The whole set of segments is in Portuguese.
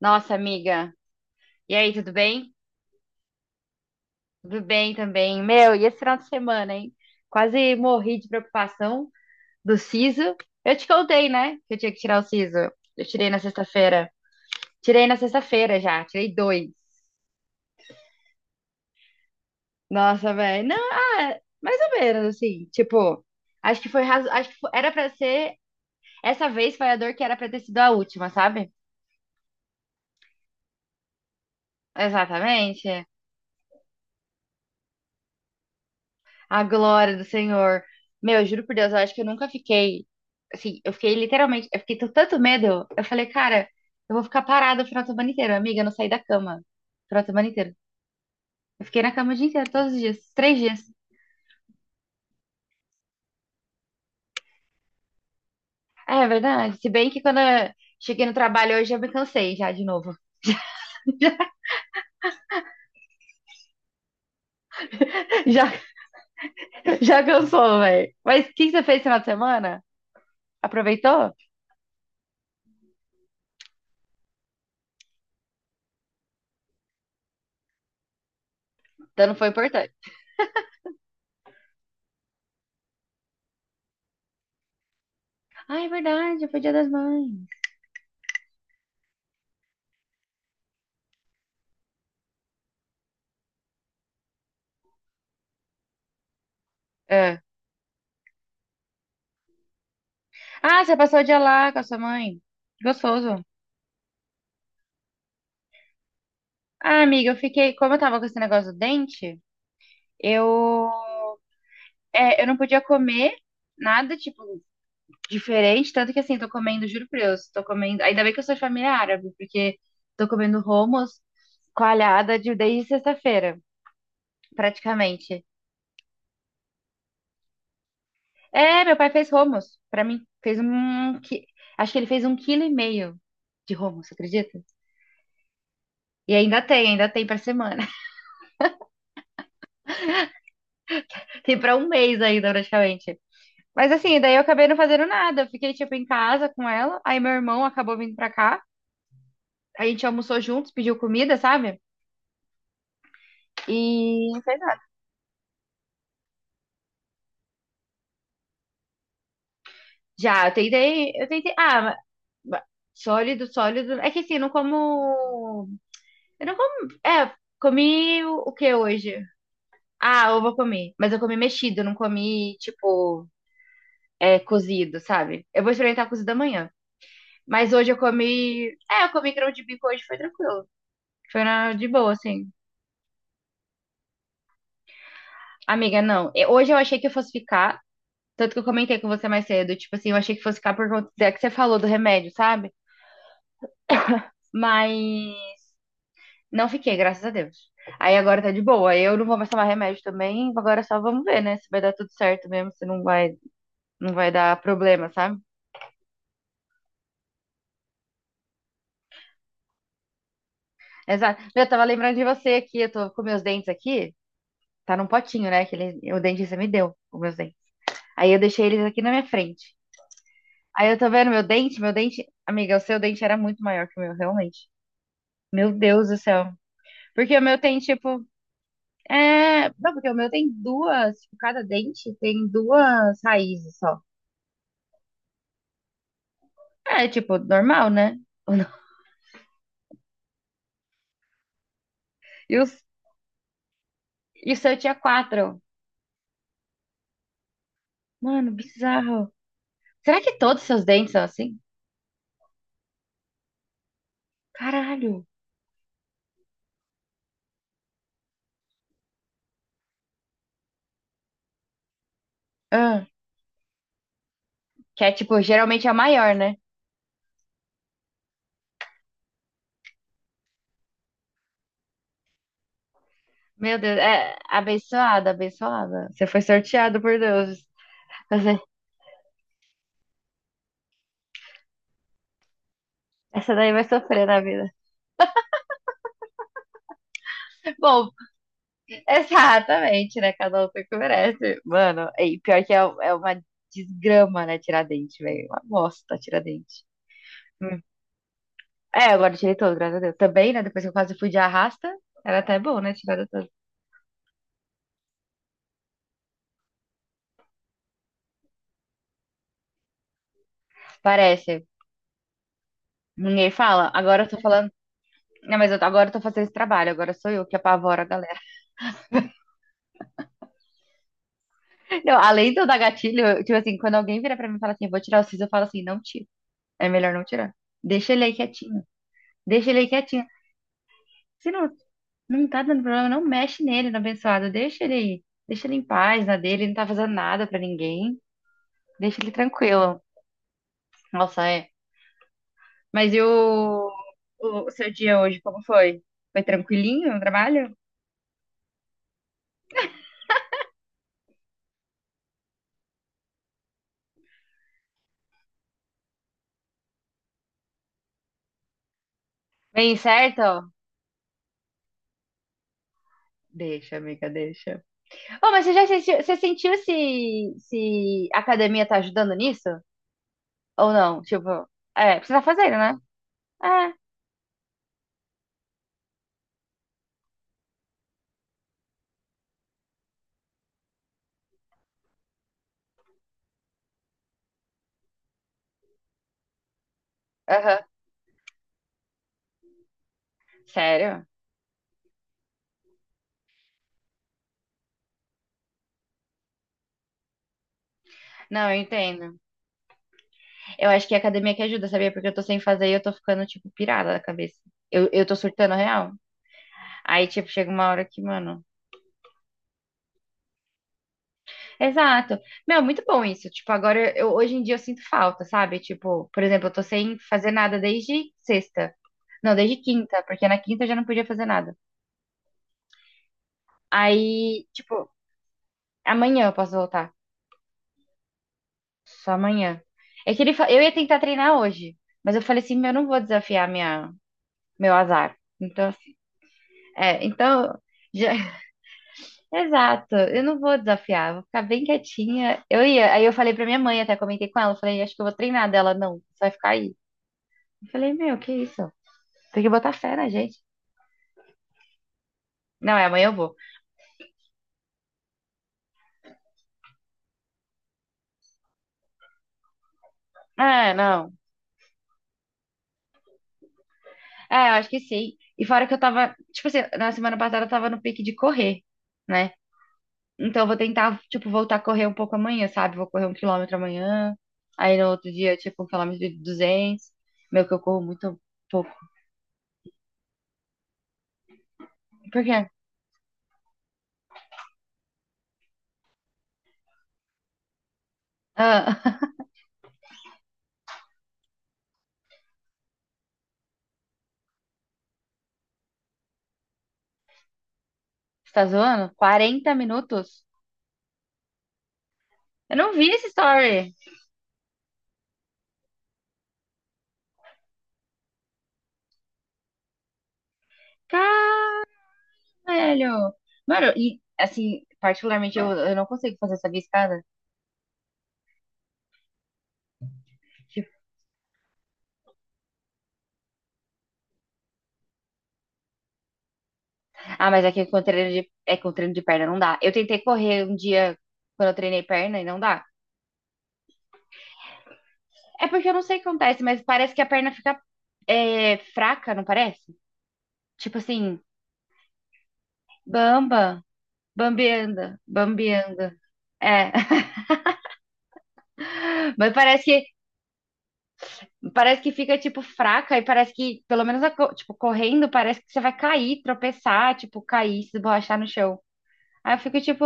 Nossa, amiga. E aí, tudo bem? Tudo bem também. Meu, e esse final de semana, hein? Quase morri de preocupação do siso. Eu te contei, né? Que eu tinha que tirar o siso. Eu tirei na sexta-feira. Tirei na sexta-feira já, tirei dois. Nossa, velho. Não, ah, mais ou menos, assim. Tipo, acho que foi razo... acho que fo- era pra ser. Essa vez foi a dor que era pra ter sido a última, sabe? Exatamente. A glória do Senhor. Meu, eu juro por Deus, eu acho que eu nunca fiquei. Assim, eu fiquei literalmente. Eu fiquei com tanto medo. Eu falei, cara, eu vou ficar parada o final de semana inteiro. Amiga, eu não saí da cama. O final de semana inteiro. Eu fiquei na cama o dia inteiro, todos os dias. 3 dias. É, é verdade. Se bem que quando eu cheguei no trabalho hoje, eu me cansei já de novo. Já, já cansou, velho. Mas o que você fez no final de semana? Aproveitou? Então não foi importante. Ah, é verdade, foi Dia das Mães. É. Ah, você passou o dia lá com a sua mãe. Gostoso. Ah, amiga, eu fiquei. Como eu tava com esse negócio do dente, eu. É, eu não podia comer nada, tipo, diferente. Tanto que, assim, tô comendo, juro por Deus, tô comendo. Ainda bem que eu sou de família árabe, porque tô comendo hummus coalhada de, desde sexta-feira, praticamente. É, meu pai fez hummus pra mim. Acho que ele fez 1,5 quilo de hummus, você acredita? E ainda tem pra semana. Tem pra um mês ainda, praticamente. Mas assim, daí eu acabei não fazendo nada. Eu fiquei, tipo, em casa com ela. Aí meu irmão acabou vindo pra cá. A gente almoçou juntos, pediu comida, sabe? E não fez nada. Já, eu tentei, eu tentei. Ma- Sólido, sólido. É que assim, eu não como. Eu não como. É, comi o que hoje? Ah, ovo eu comi. Mas eu comi mexido, eu não comi, tipo, é, cozido, sabe? Eu vou experimentar cozido amanhã. Mas hoje eu comi. É, eu comi grão de bico hoje, foi tranquilo. Foi de boa, assim. Amiga, não. Hoje eu achei que eu fosse ficar, tanto que eu comentei com você mais cedo, tipo assim, eu achei que fosse ficar por conta da que você falou do remédio, sabe? Mas não fiquei, graças a Deus. Aí agora tá de boa. Eu não vou mais tomar remédio também, agora só vamos ver, né? Se vai dar tudo certo mesmo, se não vai dar problema, sabe? Exato. Eu tava lembrando de você aqui, eu tô com meus dentes aqui, tá num potinho, né? Aquele, o dentista me deu, os meus dentes. Aí eu deixei eles aqui na minha frente. Aí eu tô vendo meu dente, amiga, o seu dente era muito maior que o meu, realmente. Meu Deus do céu. Porque o meu tem, tipo. É. Não, porque o meu tem duas. Tipo, cada dente tem duas raízes só. É, tipo, normal, né? Ou não? E, os... e o seu tinha quatro. Mano, bizarro. Será que todos os seus dentes são assim? Caralho. Ah, que é, tipo, geralmente é a maior, né? Meu Deus. É abençoada, abençoada. Você foi sorteado por Deus. Você- Essa daí vai sofrer na vida. Bom, exatamente, né? Cada um tem o que merece. Mano, e pior que é uma desgrama, né? Tiradentes, velho. Uma bosta, Tiradentes. Hum. É, agora eu tirei todos, graças a Deus. Também, né? Depois que eu quase fui de arrasta, era até bom, né? Tirado todos. Parece. Ninguém fala. Agora eu tô falando. Não, mas agora eu tô fazendo esse trabalho. Agora sou eu que apavoro a galera. Não, além do da gatilho, eu, tipo assim, quando alguém vira pra mim e fala assim, vou tirar o siso, eu falo assim, não tira. É melhor não tirar. Deixa ele aí quietinho. Deixa ele aí quietinho. Se não, não tá dando problema, não mexe nele no abençoado. Deixa ele aí. Deixa ele em paz na dele, ele não tá fazendo nada pra ninguém. Deixa ele tranquilo. Nossa, é. Mas e o seu dia hoje, como foi? Foi tranquilinho no trabalho? Bem certo? Deixa, amiga, deixa. Oh, mas você sentiu se a academia tá ajudando nisso? Ou não? Tipo, é, porque você tá fazendo, né? É, aham. Sério? Não, eu entendo. Eu acho que é a academia que ajuda, sabia? Porque eu tô sem fazer e eu tô ficando, tipo, pirada da cabeça. Eu tô surtando real. Aí, tipo, chega uma hora que, mano. Exato. Meu, muito bom isso. Tipo, agora, hoje em dia eu sinto falta, sabe? Tipo, por exemplo, eu tô sem fazer nada desde sexta. Não, desde quinta, porque na quinta eu já não podia fazer nada. Aí, tipo, amanhã eu posso voltar. Só amanhã. É que eu ia tentar treinar hoje, mas eu falei assim, meu, eu não vou desafiar meu azar. Então, assim, é, então. Já, exato, eu não vou desafiar, vou ficar bem quietinha. Eu ia, aí eu falei pra minha mãe, até comentei com ela, eu falei, acho que eu vou treinar dela, não, você vai ficar aí. Eu falei, meu, que isso? Tem que botar fé na gente. Não, é amanhã eu vou. Ah, não. É, eu acho que sim. E fora que eu tava, tipo assim, na semana passada eu tava no pique de correr, né? Então eu vou tentar, tipo, voltar a correr um pouco amanhã, sabe? Vou correr 1 quilômetro amanhã, aí no outro dia, tipo, 1 quilômetro de 200. Meu, que eu corro muito pouco. Por quê? Ah, você tá zoando? 40 minutos? Eu não vi esse story. Caralho. Mano, e assim, particularmente eu não consigo fazer essa escada. Tipo, ah, mas aqui com treino de perna não dá. Eu tentei correr um dia quando eu treinei perna e não dá. É porque eu não sei o que acontece, mas parece que a perna fica fraca, não parece? Tipo assim, bamba, bambeando, bambeando. É, mas parece que parece que fica, tipo, fraca e parece que, pelo menos, tipo, correndo, parece que você vai cair, tropeçar, tipo, cair, se esborrachar no chão. Aí eu fico, tipo,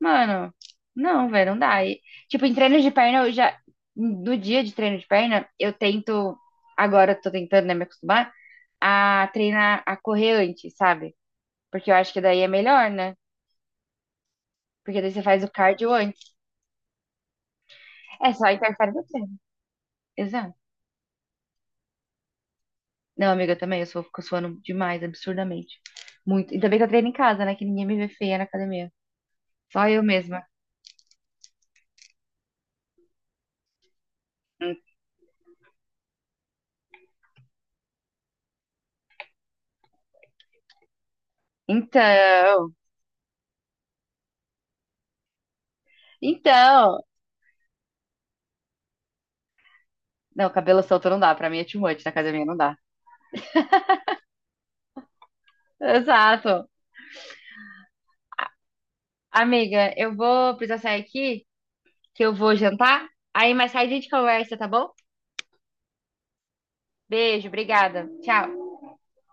mano, não, velho, não dá. E, tipo, em treino de perna, eu já, no dia de treino de perna, agora eu tô tentando, né, me acostumar a treinar, a correr antes, sabe? Porque eu acho que daí é melhor, né? Porque daí você faz o cardio antes. É só interfere no treino. Exato. Não, amiga, eu também. Fico suando demais, absurdamente. Muito. Ainda bem que eu treino em casa, né? Que ninguém me vê feia na academia. Só eu mesma. Hum. Então. Então. Não, cabelo solto não dá. Pra mim é too much na academia, não dá. Exato. Amiga, eu vou precisar sair aqui, que eu vou jantar. Aí mais tarde a gente conversa, tá bom? Beijo, obrigada. Tchau.